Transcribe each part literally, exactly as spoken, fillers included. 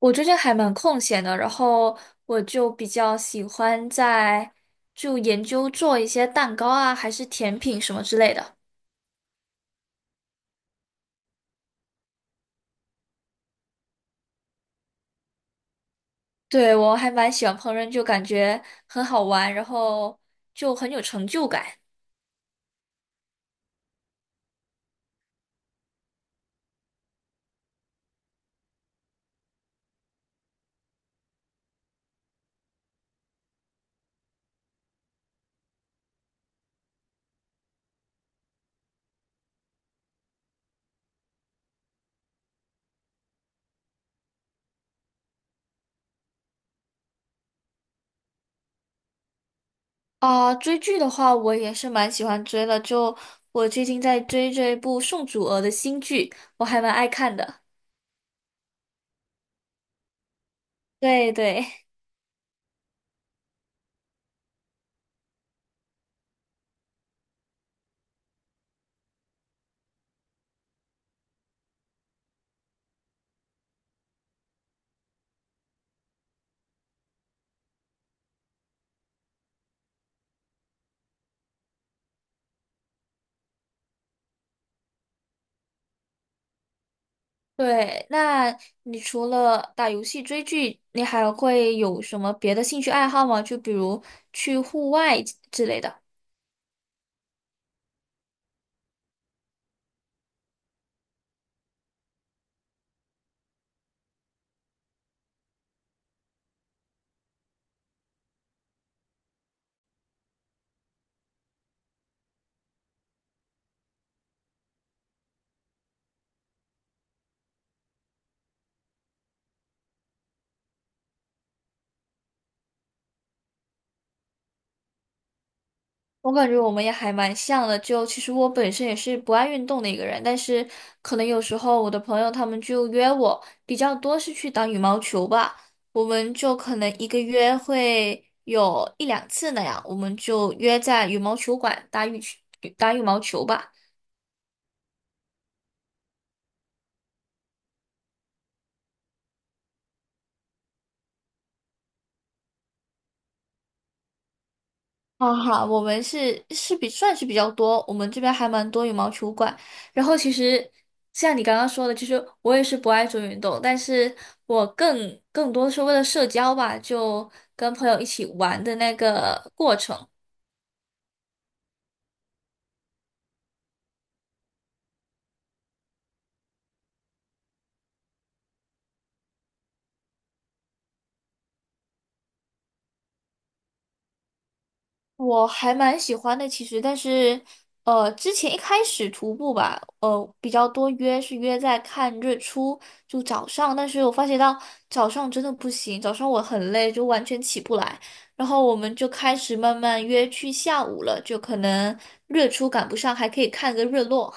我最近还蛮空闲的，然后我就比较喜欢在就研究做一些蛋糕啊，还是甜品什么之类的。对，我还蛮喜欢烹饪，就感觉很好玩，然后就很有成就感。啊、追剧的话，我也是蛮喜欢追的，就我最近在追这部宋祖儿的新剧，我还蛮爱看的。对对。对，那你除了打游戏、追剧，你还会有什么别的兴趣爱好吗？就比如去户外之之类的。我感觉我们也还蛮像的，就其实我本身也是不爱运动的一个人，但是可能有时候我的朋友他们就约我，比较多是去打羽毛球吧，我们就可能一个月会有一两次那样，我们就约在羽毛球馆打羽打羽毛球吧。好好，我们是是比算是比较多，我们这边还蛮多羽毛球馆。然后其实像你刚刚说的，其实我也是不爱做运动，但是我更更多是为了社交吧，就跟朋友一起玩的那个过程。我还蛮喜欢的，其实，但是，呃，之前一开始徒步吧，呃，比较多约是约在看日出，就早上。但是我发觉到早上真的不行，早上我很累，就完全起不来。然后我们就开始慢慢约去下午了，就可能日出赶不上，还可以看个日落。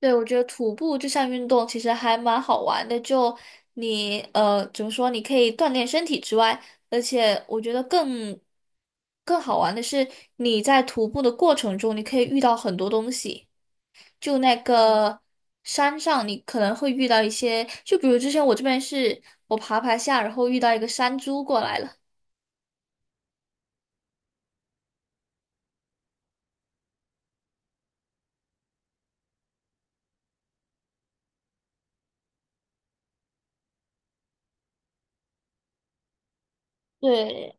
对，我觉得徒步这项运动其实还蛮好玩的，就你呃怎么说，你可以锻炼身体之外，而且我觉得更更好玩的是你在徒步的过程中，你可以遇到很多东西。就那个山上，你可能会遇到一些，就比如之前我这边是我爬爬下，然后遇到一个山猪过来了。对，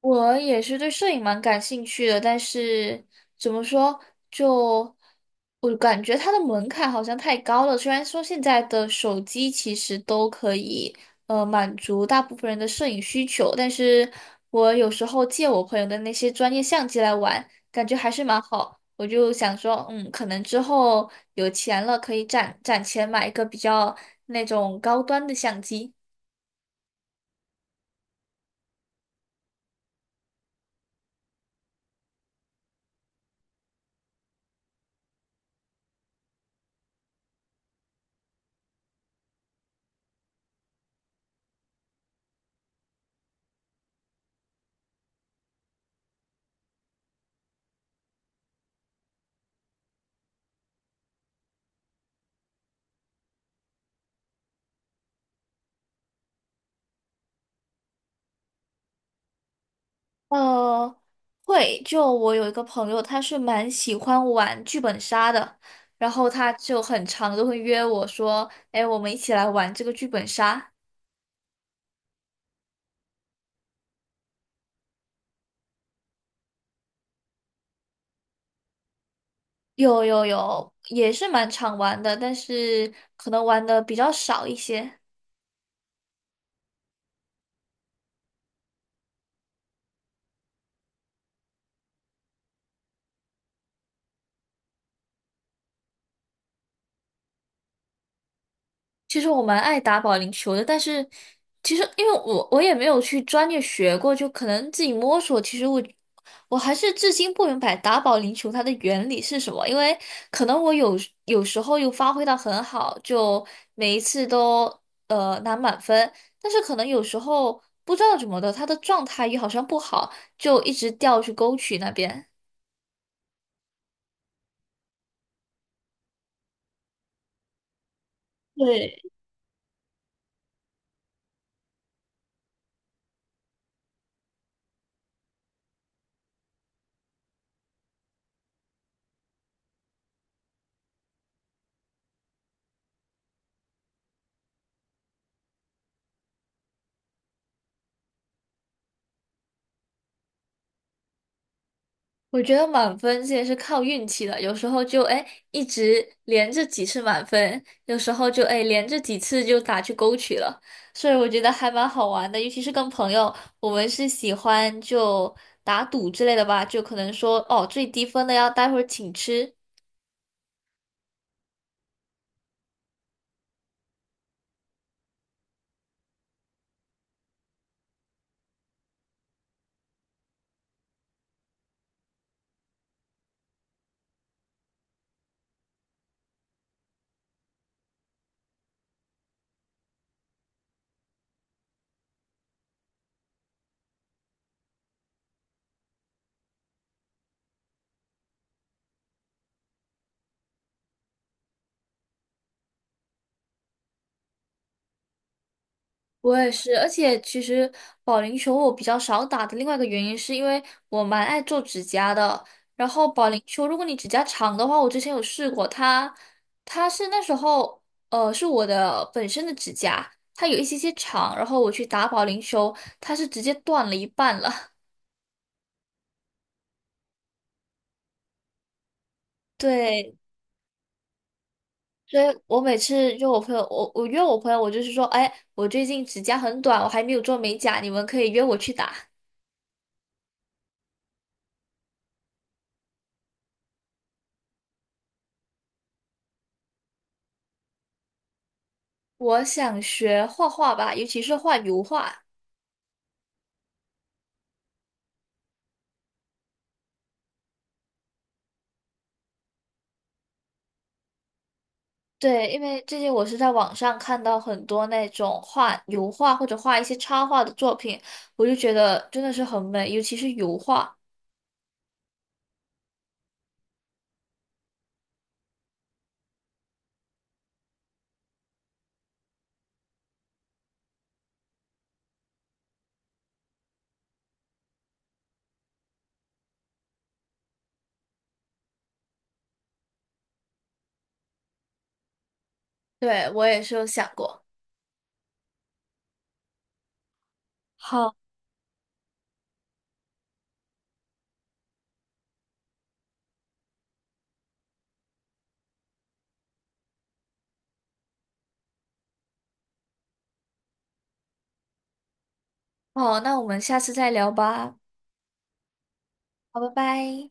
我也是对摄影蛮感兴趣的，但是怎么说，就我感觉它的门槛好像太高了。虽然说现在的手机其实都可以，呃，满足大部分人的摄影需求，但是我有时候借我朋友的那些专业相机来玩，感觉还是蛮好。我就想说，嗯，可能之后有钱了，可以攒攒钱买一个比较那种高端的相机。呃，会，就我有一个朋友，他是蛮喜欢玩剧本杀的，然后他就很常都会约我说，哎，我们一起来玩这个剧本杀。有有有，也是蛮常玩的，但是可能玩的比较少一些。其实我蛮爱打保龄球的，但是其实因为我我也没有去专业学过，就可能自己摸索。其实我我还是至今不明白打保龄球它的原理是什么，因为可能我有有时候又发挥的很好，就每一次都呃拿满分，但是可能有时候不知道怎么的，他的状态也好像不好，就一直掉去沟渠那边。对，我觉得满分这也是靠运气的，有时候就哎一直连着几次满分，有时候就哎连着几次就打去勾取了，所以我觉得还蛮好玩的，尤其是跟朋友，我们是喜欢就打赌之类的吧，就可能说哦最低分的要待会儿请吃，我也是，而且其实保龄球我比较少打的另外一个原因，是因为我蛮爱做指甲的。然后保龄球，如果你指甲长的话，我之前有试过，它它是那时候呃是我的本身的指甲，它有一些些长，然后我去打保龄球，它是直接断了一半了。对，所以我每次约我朋友，我我约我朋友，我就是说，哎，我最近指甲很短，我还没有做美甲，你们可以约我去打。我想学画画吧，尤其是画油画。对，因为最近我是在网上看到很多那种画油画或者画一些插画的作品，我就觉得真的是很美，尤其是油画。对，我也是有想过。好，好，那我们下次再聊吧。好，拜拜。